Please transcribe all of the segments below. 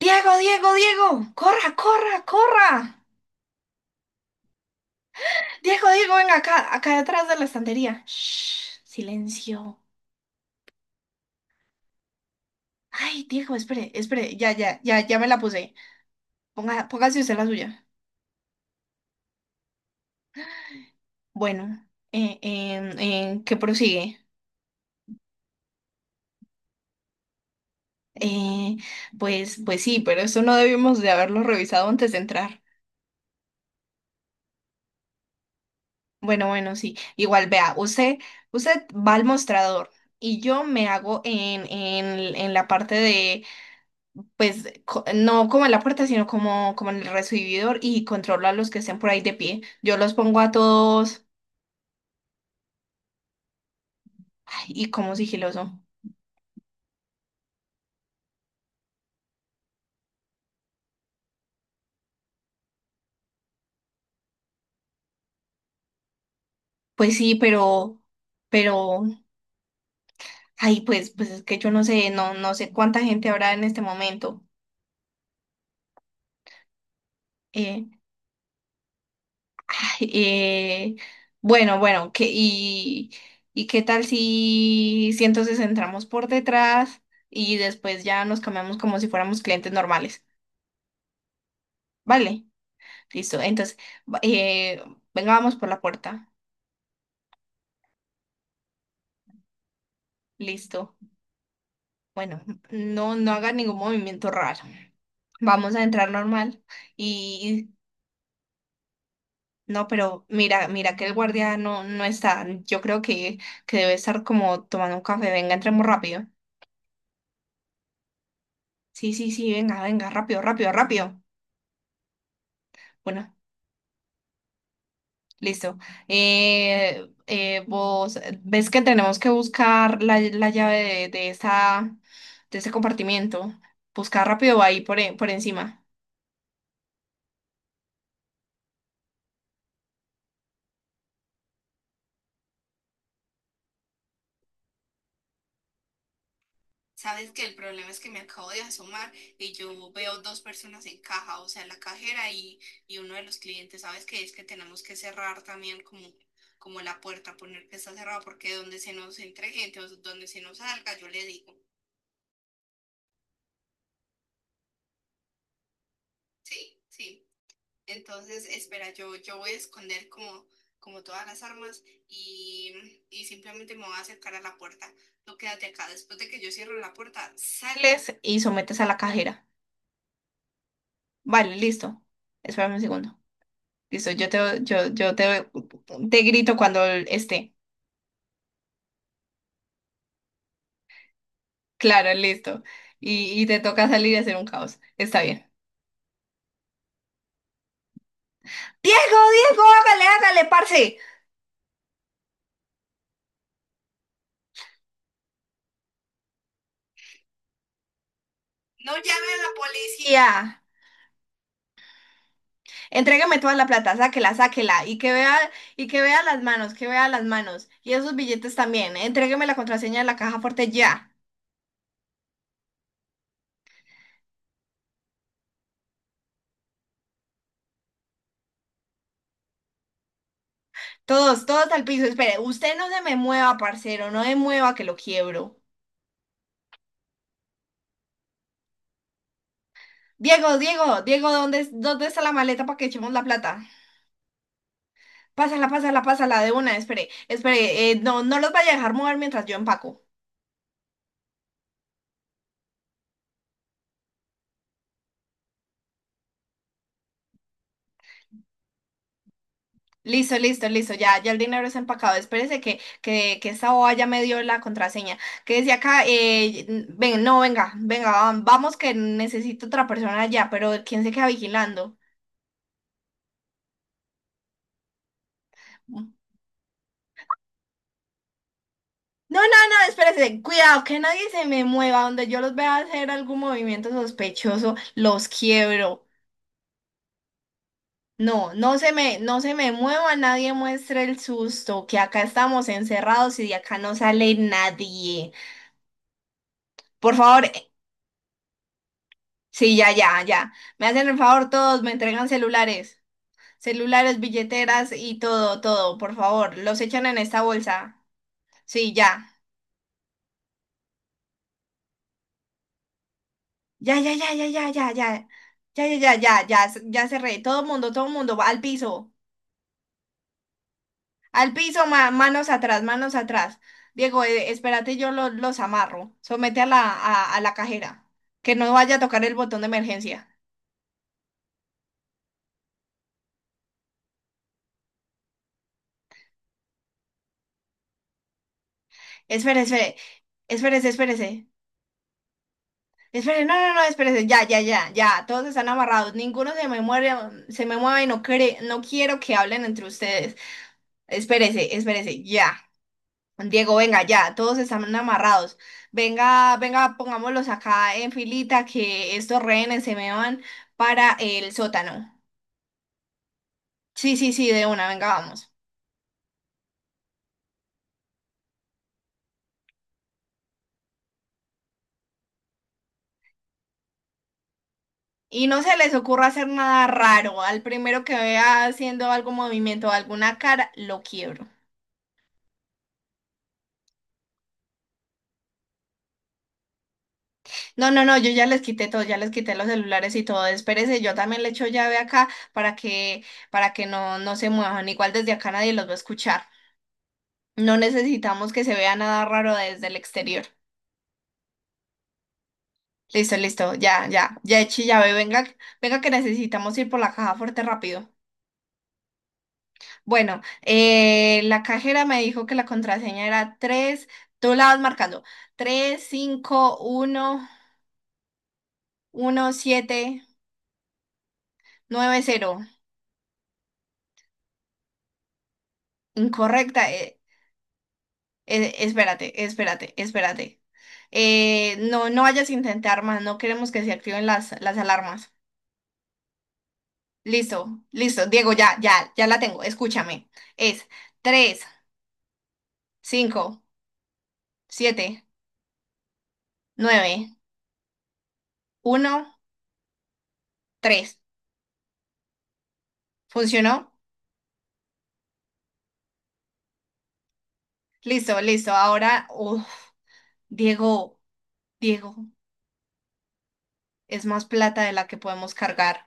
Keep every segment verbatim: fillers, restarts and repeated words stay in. Diego, Diego, Diego, corra, corra, corra. Diego, Diego, venga acá, acá detrás de la estantería. Shh, silencio. Ay, Diego, espere, espere, ya, ya, ya, ya me la puse. Ponga, póngase usted la suya. Bueno, eh, eh, eh, ¿qué prosigue? Eh, pues, pues sí, pero eso no debimos de haberlo revisado antes de entrar. Bueno, bueno, sí. Igual, vea, usted, usted va al mostrador y yo me hago en, en, en la parte de pues co- no como en la puerta, sino como, como en el recibidor y controlo a los que estén por ahí de pie. Yo los pongo a todos, ay, y como sigiloso. Pues sí, pero, pero, ay, pues, pues es que yo no sé, no, no sé cuánta gente habrá en este momento. Eh, ay, eh, bueno, bueno, que, y, y qué tal si, si entonces entramos por detrás y después ya nos cambiamos como si fuéramos clientes normales. Vale. Listo, entonces, va- eh, venga, vamos por la puerta. Listo. Bueno, no, no haga ningún movimiento raro. Vamos a entrar normal. Y y no, pero mira, mira que el guardia no, no está. Yo creo que, que debe estar como tomando un café. Venga, entremos rápido. Sí, sí, sí, venga, venga, rápido, rápido, rápido. Bueno. Listo. Eh, eh, vos ves que tenemos que buscar la, la llave de, de esa, de ese compartimiento. Buscar rápido ahí por, e- por encima. Sabes que el problema es que me acabo de asomar y yo veo dos personas en caja, o sea, la cajera y, y uno de los clientes. Sabes que es que tenemos que cerrar también como, como la puerta, poner que está cerrada, porque donde se nos entre gente o donde se nos salga, yo le digo. Sí, sí. Entonces, espera, yo, yo voy a esconder como, como todas las armas y, y simplemente me voy a acercar a la puerta. Tú quédate acá. Después de que yo cierro la puerta, sales y sometes a la cajera. Vale, listo. Espérame un segundo. Listo, yo te, yo, yo te, te grito cuando esté. Claro, listo. Y, y te toca salir y hacer un caos. Está bien. Diego, Diego, hágale, hágale, parce. No llame a la policía. Entrégame toda la plata, sáquela, sáquela, y que vea, y que vea las manos, que vea las manos, y esos billetes también, entrégueme la contraseña de la caja fuerte ya. Todos, todos al piso, espere, usted no se me mueva, parcero, no me mueva que lo quiebro. Diego, Diego, Diego, ¿dónde, es- dónde está la maleta para que echemos la plata? Pásala, pásala, pásala, de una, espere, espere, eh, no, no los vaya a dejar mover mientras yo empaco. Listo, listo, listo, ya, ya el dinero es empacado. Espérese que, que, que esta boba ya me dio la contraseña. Que decía acá, eh, n- ven, no, venga, venga, va- vamos que necesito otra persona allá, pero ¿quién se queda vigilando? No, no, no, espérese, cuidado, que nadie se me mueva, donde yo los vea hacer algún movimiento sospechoso, los quiebro. No, no se me, no se me mueva, nadie muestre el susto, que acá estamos encerrados y de acá no sale nadie. Por favor, Sí, ya, ya, ya. Me hacen el favor todos, me entregan celulares, celulares, billeteras y todo, todo, por favor. Los echan en esta bolsa. Sí, ya. Ya, ya, ya, ya, ya, ya, ya. Ya, ya, ya, ya, ya, s- ya cerré. Todo mundo, todo mundo, va al piso. Al piso, ma- manos atrás, manos atrás. Diego, eh, espérate, yo lo- los amarro. Somete a la, a, a la cajera. Que no vaya a tocar el botón de emergencia. Espérese, espérese, espérese, espérese. Esperen, no, no, no, espérense, ya, ya, ya, ya, todos están amarrados, ninguno se me muere, se me mueve, y no cree, no quiero que hablen entre ustedes. Espérese, espérese, ya. Diego, venga, ya, todos están amarrados. Venga, venga, pongámoslos acá en filita que estos rehenes se me van para el sótano. Sí, sí, sí, de una, venga, vamos. Y no se les ocurra hacer nada raro. Al primero que vea haciendo algún movimiento, alguna cara, lo quiebro. No, no, no, yo ya les quité todo, ya les quité los celulares y todo. Espérese, yo también le echo llave acá para que, para que no, no se muevan. Igual desde acá nadie los va a escuchar. No necesitamos que se vea nada raro desde el exterior. Listo, listo, ya, ya, ya eché llave. Venga, venga que necesitamos ir por la caja fuerte rápido. Bueno, eh, la cajera me dijo que la contraseña era tres. tú la vas marcando, Tres cinco uno uno siete nueve cero. Incorrecta. eh, Eh, espérate, espérate, espérate. Eh, no, no vayas a intentar más, no queremos que se activen las, las alarmas. Listo, listo, Diego, ya, ya, ya la tengo, escúchame. Es tres, cinco, siete, nueve, uno, tres. ¿Funcionó? Listo, listo. Ahora, uf, Diego, Diego, es más plata de la que podemos cargar.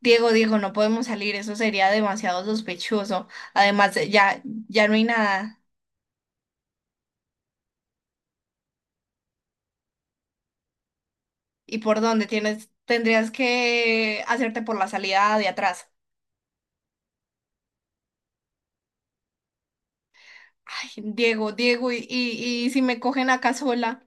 Diego, Diego, no podemos salir, eso sería demasiado sospechoso. Además, ya, ya no hay nada. ¿Y por dónde tienes? Tendrías que hacerte por la salida de atrás. Ay, Diego, Diego, y, y, y si me cogen acá sola,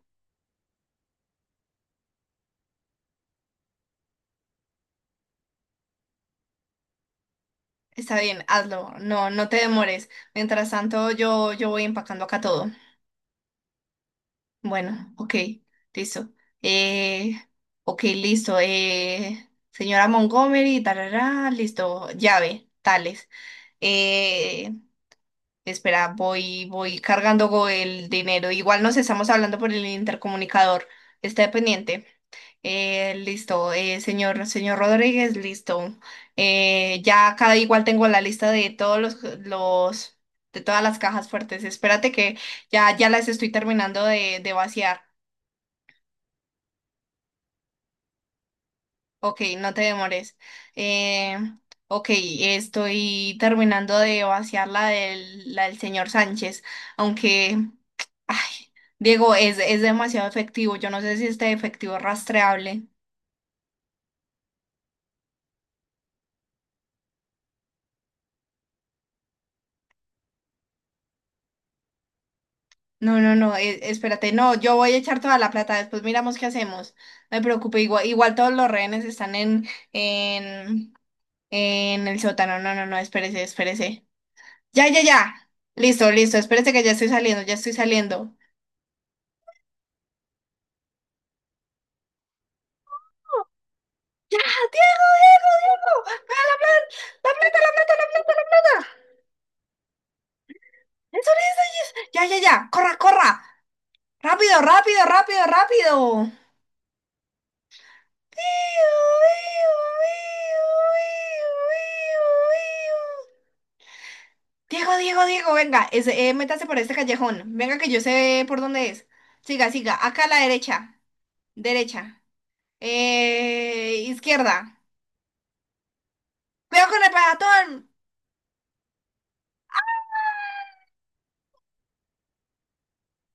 está bien, hazlo. No, no te demores. Mientras tanto, yo, yo voy empacando acá todo. Bueno, ok, listo. Eh, ok, listo. Eh, señora Montgomery, tarará, listo. Llave, tales. Eh, espera, voy, voy cargando go- el dinero. Igual nos estamos hablando por el intercomunicador. Está pendiente. Eh, listo, eh, señor, señor Rodríguez, listo. Eh, ya cada igual tengo la lista de todos los, los, de todas las cajas fuertes. Espérate que ya, ya las estoy terminando de, de vaciar. Ok, no te demores. Eh, ok, estoy terminando de vaciar la del, la del señor Sánchez, aunque, ay, Diego, es, es demasiado efectivo. Yo no sé si este efectivo es rastreable. No, no, no, e- espérate, no, yo voy a echar toda la plata, después miramos qué hacemos. No me preocupe, igual, igual todos los rehenes están en, en, en el sótano. No, no, no, espérese, espérese. Ya, ya, ya. Listo, listo, espérese que ya estoy saliendo, ya estoy saliendo. ¡Ya, Diego, Diego, Diego! ¡Ah, la plata, la plata, la plata, la plata, la plata! ¡Eso, eso, eso! Ya, ya, ya, corra, corra. Rápido, rápido, rápido, rápido. ¡Iu, iu, iu, iu, iu, iu, iu! Diego, Diego, Diego, venga, es, eh, métase por este callejón. Venga, que yo sé por dónde es. Siga, siga. Acá a la derecha. Derecha. Eh, izquierda. ¡Cuidado con el peatón!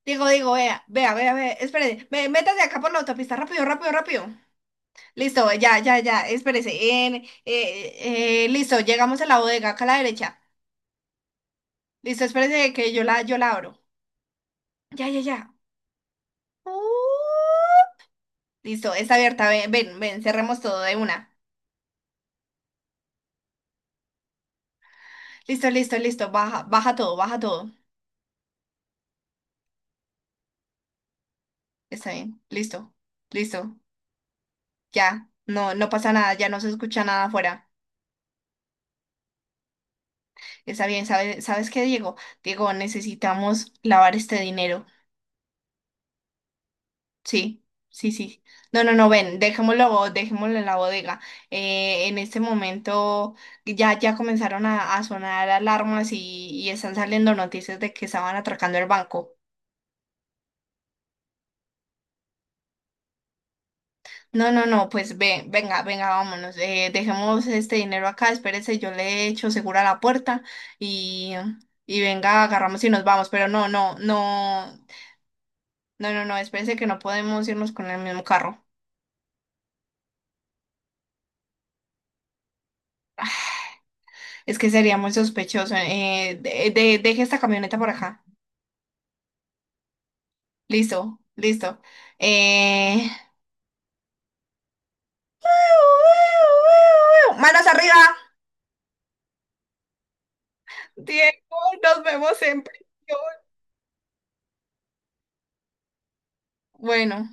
Diego, Diego, vea, vea, vea, vea. Espérese. Ve- métase acá por la autopista. Rápido, rápido, rápido. Listo, ya, ya, ya. Espérese. En- eh, eh, listo, llegamos a la bodega. Acá a la derecha. Listo, espérese que yo la, yo la abro. Ya, ya, ya. Uh, Listo, está abierta. Ven, ven, ven. Cerremos todo de una. Listo, listo, listo. Baja, baja todo, baja todo. Está bien. Listo, listo. Ya. No, no pasa nada, ya no se escucha nada afuera. Está bien, ¿sabes, sabes qué, Diego? Diego, necesitamos lavar este dinero. Sí, sí, sí. No, no, no, ven, dejémoslo, dejémoslo en la bodega. Eh, en este momento ya, ya comenzaron a, a sonar alarmas y, y están saliendo noticias de que estaban atracando el banco. No, no, no, pues ven, venga, venga, vámonos. eh, dejemos este dinero acá, espérese, yo le echo segura la puerta y, y venga, agarramos y nos vamos. Pero no, no, no, no, no, no, espérese que no podemos irnos con el mismo carro. Es que sería muy sospechoso. eh, de- de- deje esta camioneta por acá. Listo, listo. Eh... ¡Manos arriba! Diego, nos vemos en prisión. Bueno.